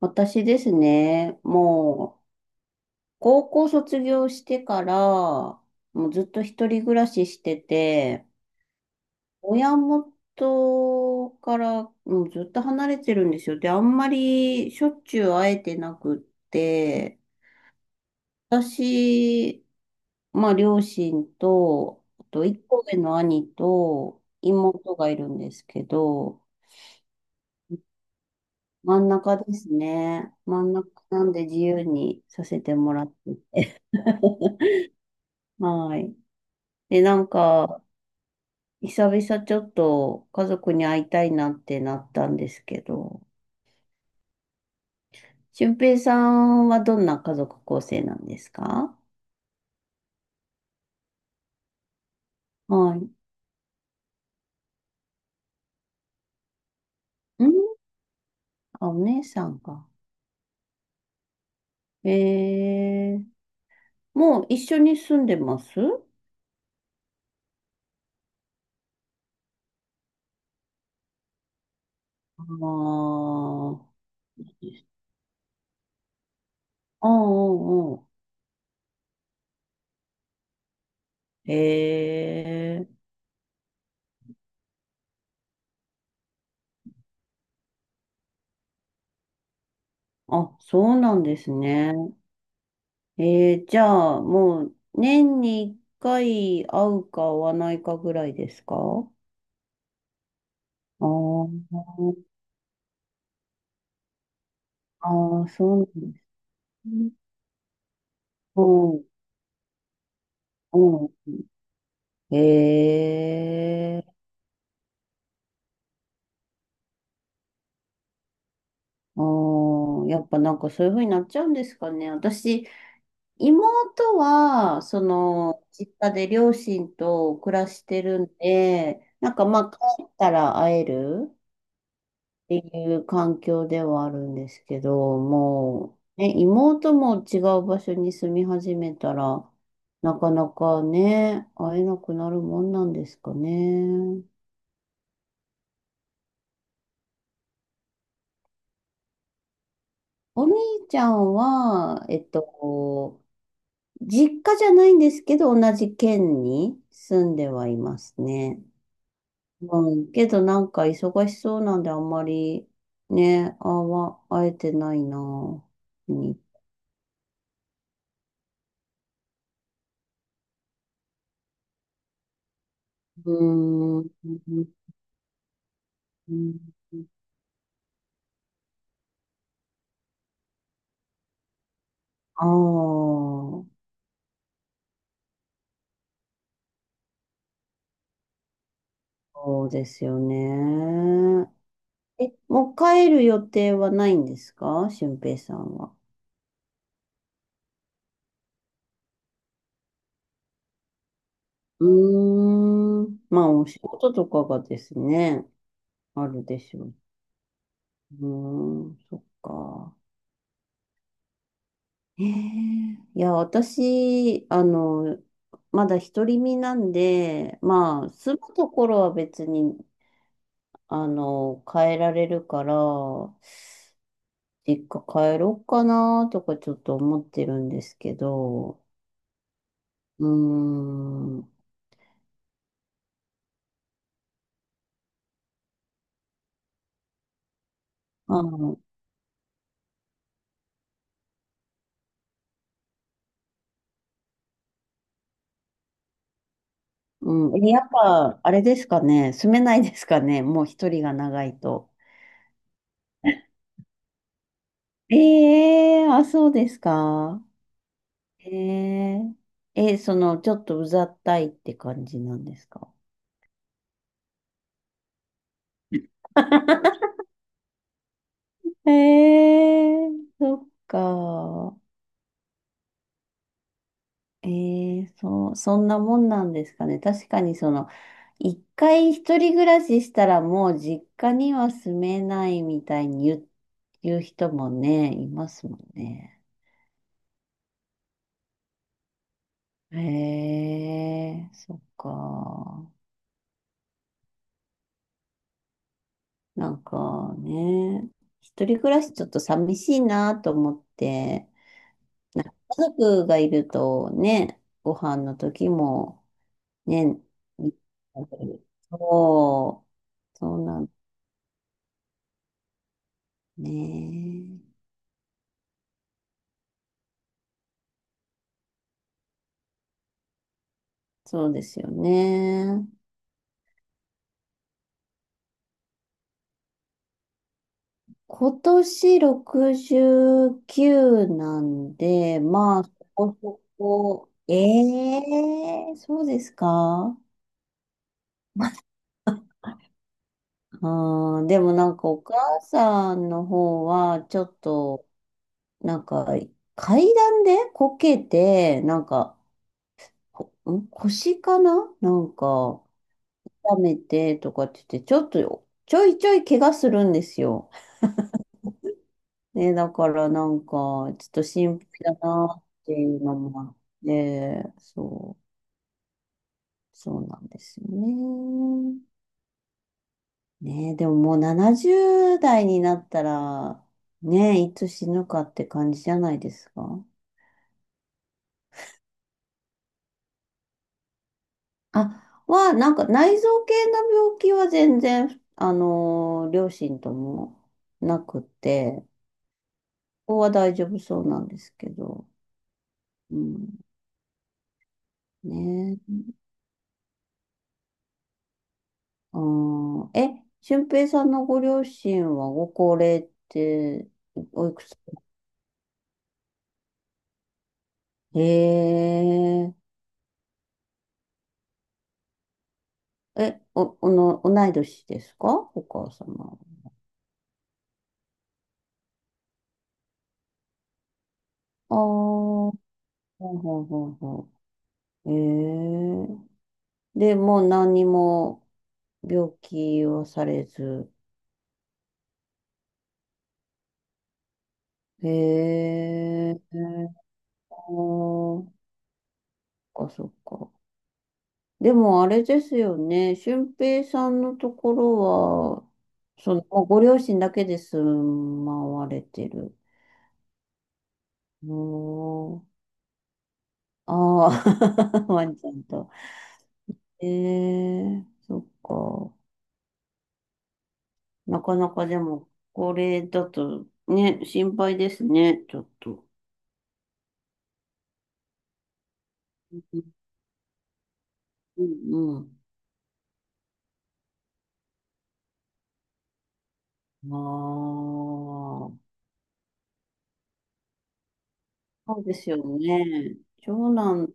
私ですね、もう、高校卒業してから、もうずっと一人暮らししてて、親元から、もうずっと離れてるんですよ。で、あんまりしょっちゅう会えてなくって、私、まあ、両親と、あと、一個上の兄と妹がいるんですけど、真ん中ですね。真ん中なんで自由にさせてもらって。はい。で、なんか、久々ちょっと家族に会いたいなってなったんですけど、俊平さんはどんな家族構成なんですか？はい。んあ、お姉さんが。えー、もう一緒に住んでます？あーあー、うんうんうん。ええ、あ、そうなんですね。ええ、じゃあ、もう、年に一回会うか会わないかぐらいですか？あーあー、そうなんだ。うん、うん。ええー、ああ、やっぱなんかそういうふうになっちゃうんですかね。私、妹は、その、実家で両親と暮らしてるんで、なんかまあ、帰ったら会えるっていう環境ではあるんですけど、もう、ね、妹も違う場所に住み始めたら、なかなかね、会えなくなるもんなんですかね。お兄ちゃんは、こう実家じゃないんですけど、同じ県に住んではいますね。うん、けどなんか忙しそうなんであんまりね、会えてないな。うん。うーん。ああ、そうですよね。え、もう帰る予定はないんですか、俊平さんは？うーん。まあ、お仕事とかがですね、あるでしょう。うーん、そっか。ええ、いや、私、まだ独り身なんで、まあ、住むところは別に、変えられるから、実家帰ろうかなとかちょっと思ってるんですけど、うーん、あの、うん、え、やっぱ、あれですかね、住めないですかね、もう一人が長いと。ええー、あ、そうですか。えええ、ちょっとうざったいって感じなんですか？ええー、そっか。ええ、そう、そんなもんなんですかね。確かに一回一人暮らししたらもう実家には住めないみたいに言う人もね、いますもんね。へえ、そっか。なんかね、一人暮らしちょっと寂しいなと思って、なんか家族がいるとね、ご飯の時もね、そう、そうなんねえ。そうですよね。今年69なんで、まあ、そこそこ、ええ、そうですか？あー、でもなんかお母さんの方は、ちょっと、なんか、階段でこけて、なんか、こん腰かななんか、痛めてとかって言って、ちょっと、ちょいちょい怪我するんですよ。ね、だからなんか、ちょっと心配だなっていうのもあって、そう、そうなんですよね。ね、でももう70代になったら、ね、いつ死ぬかって感じじゃないですか。あ、なんか内臓系の病気は全然、両親ともなくて、ここは大丈夫そうなんですけど、うん、ね。あー、え、俊平さんのご両親はご高齢って、おいくつ？へえ、え、お、おの、同い年ですか、お母様？ああ、ほうほうほうほう。へえ、で、もう何にも病気はされず。へえ、あー、そっかそっか。でもあれですよね。俊平さんのところは、ご両親だけで住まわれてる。おー、ああ、ワンちゃんと。ええ、そっか。なかなかでも、これだとね、心配ですね、ちょっと。うん、うん。ああ、そうですよね。長男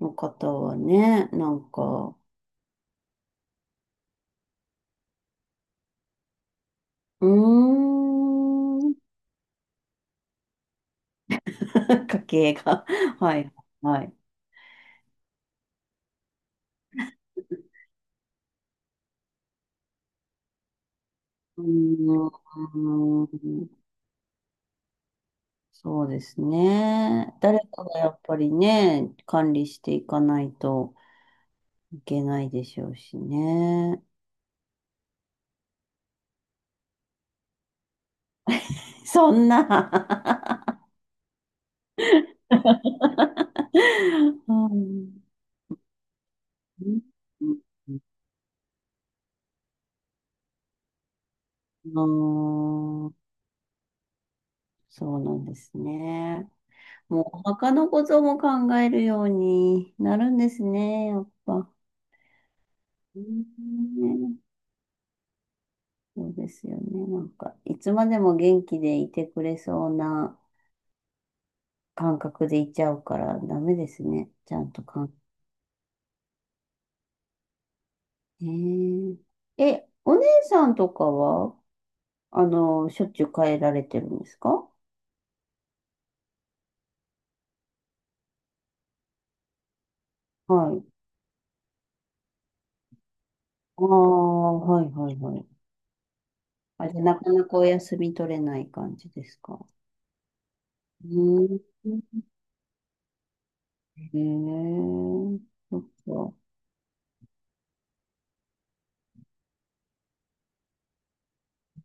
の方はね、なんか、うーん。家計が。はい、はい。うーん、そうですね。誰かがやっぱりね、管理していかないといけないでしょうしね。そんな うん。うん、そうなんですね。もうお墓のことも考えるようになるんですね、やっぱ。うん、そうですよね。なんか、いつまでも元気でいてくれそうな感覚でいちゃうからダメですね。ちゃんとかん。えー、え、お姉さんとかは、しょっちゅう帰られてるんですか？はい。ああ、はいはいはい。あ、じゃあなかなかお休み取れない感じですか？うん。へえ、そっか。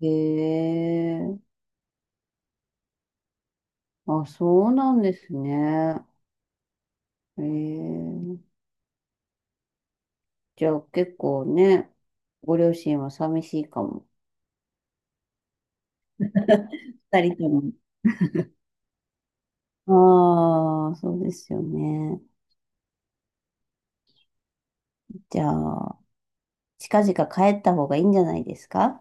へえ、あ、そうなんですね。へえ。じゃあ結構ね、ご両親は寂しいかも。二人とも。ああ、そうですよね。じゃあ、近々帰った方がいいんじゃないですか？